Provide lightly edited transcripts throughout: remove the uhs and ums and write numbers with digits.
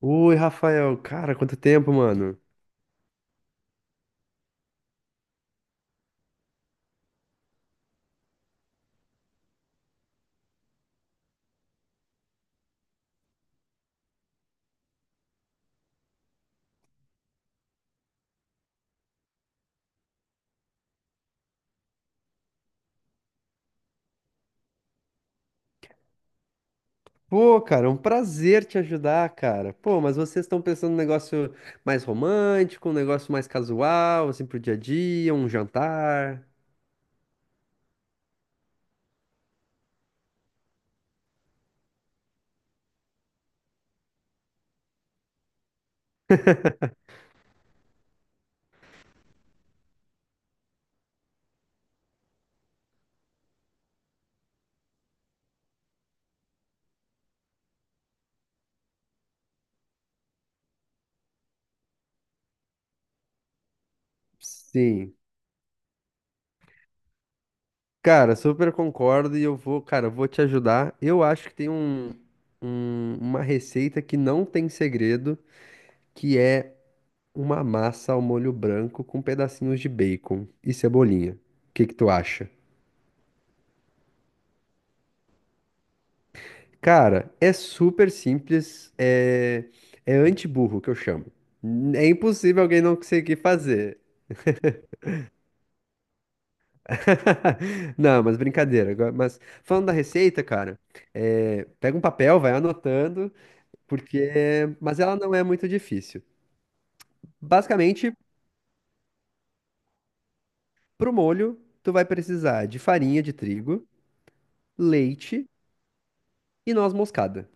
Oi, Rafael, cara, quanto tempo, mano? Pô, cara, é um prazer te ajudar, cara. Pô, mas vocês estão pensando num negócio mais romântico, um negócio mais casual, assim, pro dia a dia, um jantar? Sim. Cara, super concordo e eu vou, cara, eu vou te ajudar. Eu acho que tem um, uma receita que não tem segredo, que é uma massa ao molho branco com pedacinhos de bacon e cebolinha. O que que tu acha? Cara, é super simples, é, é anti-burro que eu chamo. É impossível alguém não conseguir fazer. Não, mas brincadeira. Mas falando da receita, cara, é, pega um papel, vai anotando, porque. Mas ela não é muito difícil. Basicamente, pro molho, tu vai precisar de farinha de trigo, leite e noz moscada.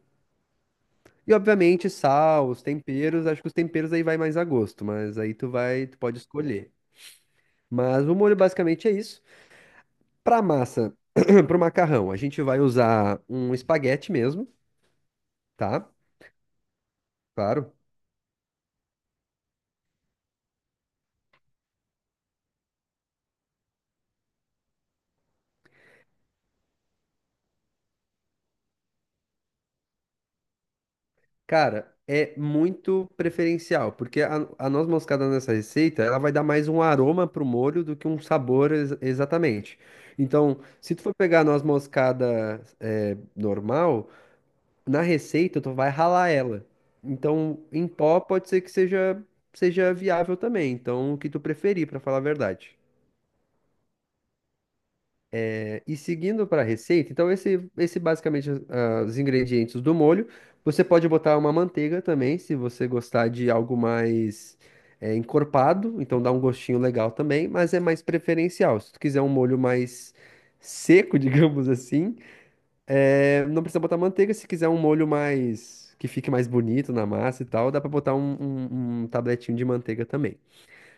E obviamente sal, os temperos, acho que os temperos aí vai mais a gosto, mas aí tu vai, tu pode escolher. Mas o molho basicamente é isso. Para massa, para o macarrão, a gente vai usar um espaguete mesmo, tá? Claro. Cara, é muito preferencial, porque a noz moscada nessa receita, ela vai dar mais um aroma pro molho do que um sabor exatamente. Então, se tu for pegar a noz moscada é, normal, na receita tu vai ralar ela. Então, em pó pode ser que seja, seja viável também. Então, o que tu preferir, para falar a verdade. E seguindo para a receita, então esse basicamente os ingredientes do molho. Você pode botar uma manteiga também, se você gostar de algo mais encorpado, então dá um gostinho legal também, mas é mais preferencial. Se tu quiser um molho mais seco, digamos assim, não precisa botar manteiga. Se quiser um molho mais que fique mais bonito na massa e tal, dá para botar um, um, um tabletinho de manteiga também.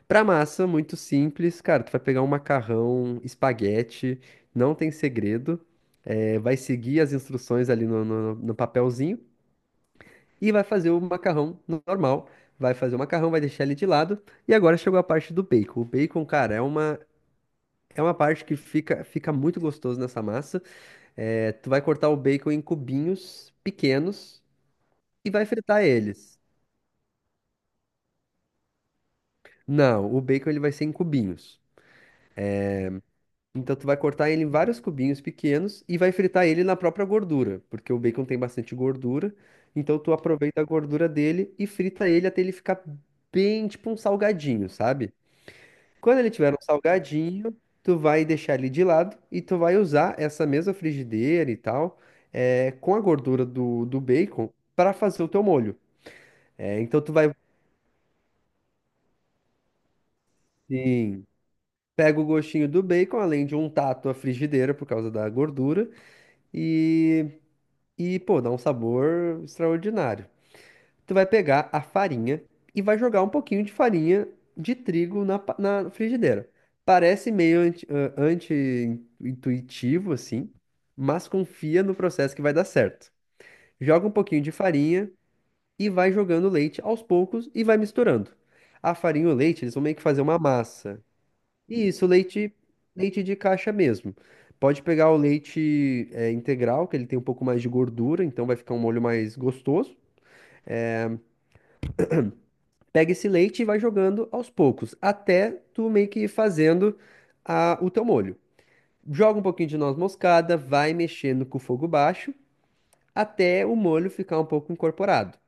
Para massa, muito simples, cara, tu vai pegar um macarrão, espaguete, não tem segredo. É, vai seguir as instruções ali no, no papelzinho e vai fazer o macarrão normal. Vai fazer o macarrão, vai deixar ele de lado. E agora chegou a parte do bacon. O bacon, cara, é uma parte que fica, fica muito gostoso nessa massa. É, tu vai cortar o bacon em cubinhos pequenos e vai fritar eles. Não, o bacon ele vai ser em cubinhos. Então tu vai cortar ele em vários cubinhos pequenos e vai fritar ele na própria gordura, porque o bacon tem bastante gordura. Então tu aproveita a gordura dele e frita ele até ele ficar bem tipo um salgadinho, sabe? Quando ele tiver um salgadinho, tu vai deixar ele de lado e tu vai usar essa mesma frigideira e tal, com a gordura do, do bacon para fazer o teu molho. Então tu vai assim, pega o gostinho do bacon, além de untar a tua frigideira por causa da gordura. E e, pô, dá um sabor extraordinário. Tu vai pegar a farinha e vai jogar um pouquinho de farinha de trigo na, na frigideira. Parece meio anti-intuitivo, assim, mas confia no processo que vai dar certo. Joga um pouquinho de farinha e vai jogando leite aos poucos e vai misturando. A farinha e o leite, eles vão meio que fazer uma massa. Isso, leite, leite de caixa mesmo. Pode pegar o leite é, integral, que ele tem um pouco mais de gordura, então vai ficar um molho mais gostoso. Pega esse leite e vai jogando aos poucos, até tu meio que ir fazendo o teu molho. Joga um pouquinho de noz moscada, vai mexendo com o fogo baixo, até o molho ficar um pouco incorporado.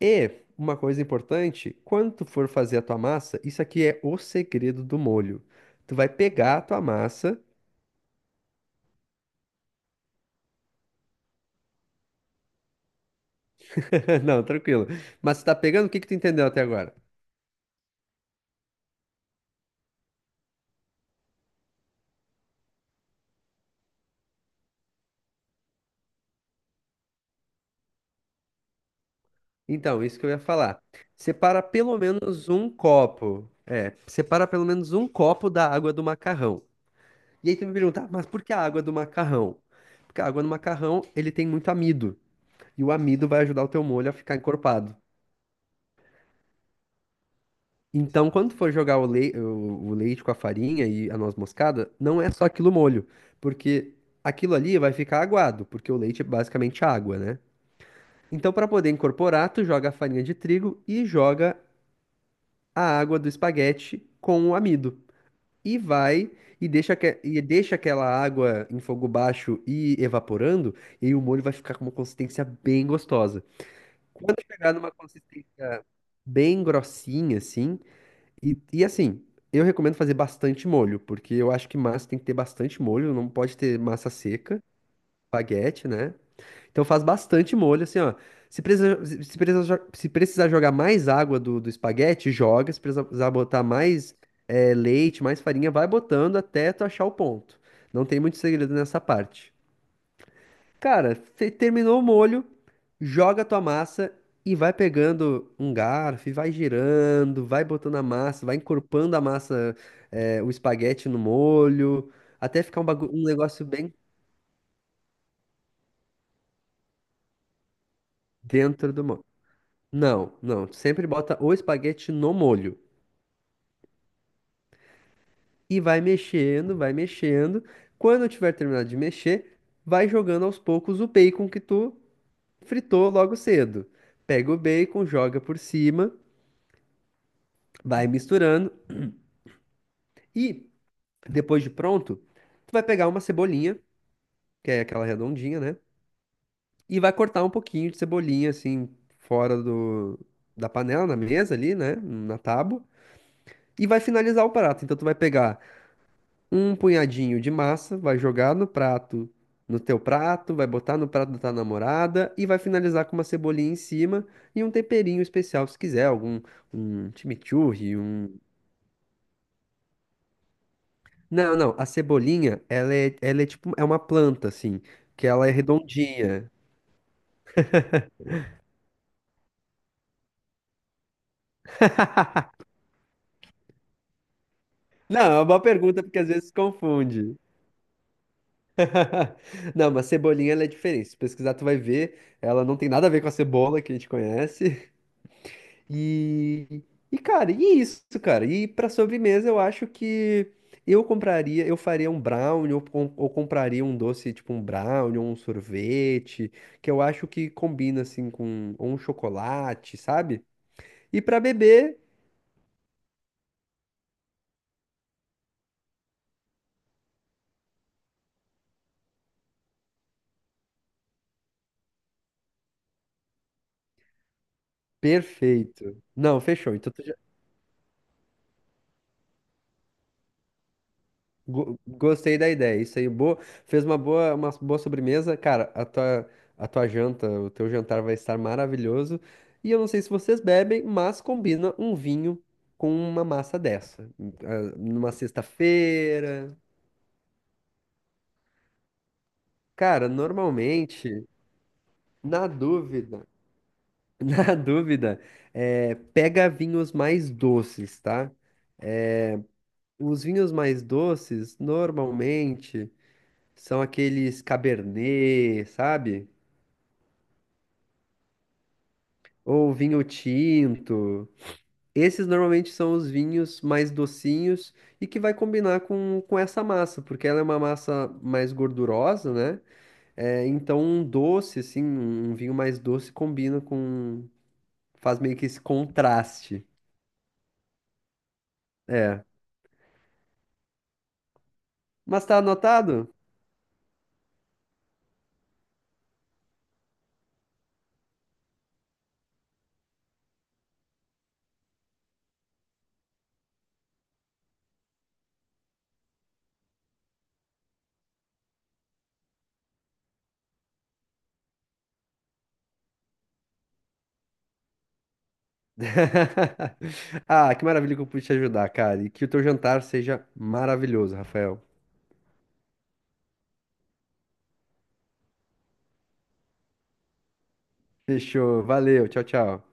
E uma coisa importante, quando tu for fazer a tua massa, isso aqui é o segredo do molho. Tu vai pegar a tua massa. Não, tranquilo. Mas tu tá pegando? O que que tu entendeu até agora? Então, isso que eu ia falar. Separa pelo menos um copo. É, separa pelo menos um copo da água do macarrão. E aí tu me pergunta, "Ah, mas por que a água do macarrão?" Porque a água do macarrão, ele tem muito amido. E o amido vai ajudar o teu molho a ficar encorpado. Então, quando tu for jogar o, o leite com a farinha e a noz moscada, não é só aquilo molho. Porque aquilo ali vai ficar aguado, porque o leite é basicamente água, né? Então, para poder incorporar, tu joga a farinha de trigo e joga a água do espaguete com o amido. E vai e deixa, e deixa aquela água em fogo baixo e evaporando, e aí o molho vai ficar com uma consistência bem gostosa. Quando chegar numa consistência bem grossinha, assim, e assim, eu recomendo fazer bastante molho, porque eu acho que massa tem que ter bastante molho, não pode ter massa seca, espaguete, né? Então faz bastante molho, assim, ó. Se precisa, se precisar jogar mais água do, do espaguete, joga. Se precisar botar mais leite, mais farinha, vai botando até tu achar o ponto. Não tem muito segredo nessa parte. Cara, terminou o molho, joga a tua massa e vai pegando um garfo e vai girando, vai botando a massa, vai encorpando a massa, o espaguete no molho, até ficar um, um negócio bem dentro do molho. Não, não. Tu sempre bota o espaguete no molho. E vai mexendo, vai mexendo. Quando tiver terminado de mexer, vai jogando aos poucos o bacon que tu fritou logo cedo. Pega o bacon, joga por cima, vai misturando. E depois de pronto, tu vai pegar uma cebolinha, que é aquela redondinha, né? E vai cortar um pouquinho de cebolinha, assim, fora do, da panela, na mesa ali, né? Na tábua. E vai finalizar o prato. Então tu vai pegar um punhadinho de massa, vai jogar no prato, no teu prato, vai botar no prato da tua namorada e vai finalizar com uma cebolinha em cima e um temperinho especial, se quiser, algum um chimichurri, um. Não, não, a cebolinha, ela é tipo, é uma planta assim, que ela é redondinha. Não, é uma boa pergunta porque às vezes confunde. Não, mas cebolinha ela é diferente. Se pesquisar, tu vai ver, ela não tem nada a ver com a cebola que a gente conhece. E, e cara, e isso, cara. E pra sobremesa eu acho que eu compraria, eu faria um brownie ou, ou compraria um doce tipo um brownie ou um sorvete, que eu acho que combina assim com ou um chocolate, sabe? E pra beber, perfeito. Não, fechou. Então gostei da ideia. Isso aí, boa. Fez uma boa sobremesa. Cara, a tua janta, o teu jantar vai estar maravilhoso. E eu não sei se vocês bebem, mas combina um vinho com uma massa dessa. Ah, numa sexta-feira. Cara, normalmente, na dúvida, na dúvida, é, pega vinhos mais doces, tá? Os vinhos mais doces, normalmente, são aqueles Cabernet, sabe? Ou vinho tinto. Esses normalmente são os vinhos mais docinhos e que vai combinar com essa massa, porque ela é uma massa mais gordurosa, né? É, então um doce, assim, um vinho mais doce combina com. Faz meio que esse contraste. É. Mas tá anotado? Ah, que maravilha que eu pude te ajudar, cara. E que o teu jantar seja maravilhoso, Rafael. Fechou. Valeu. Tchau, tchau.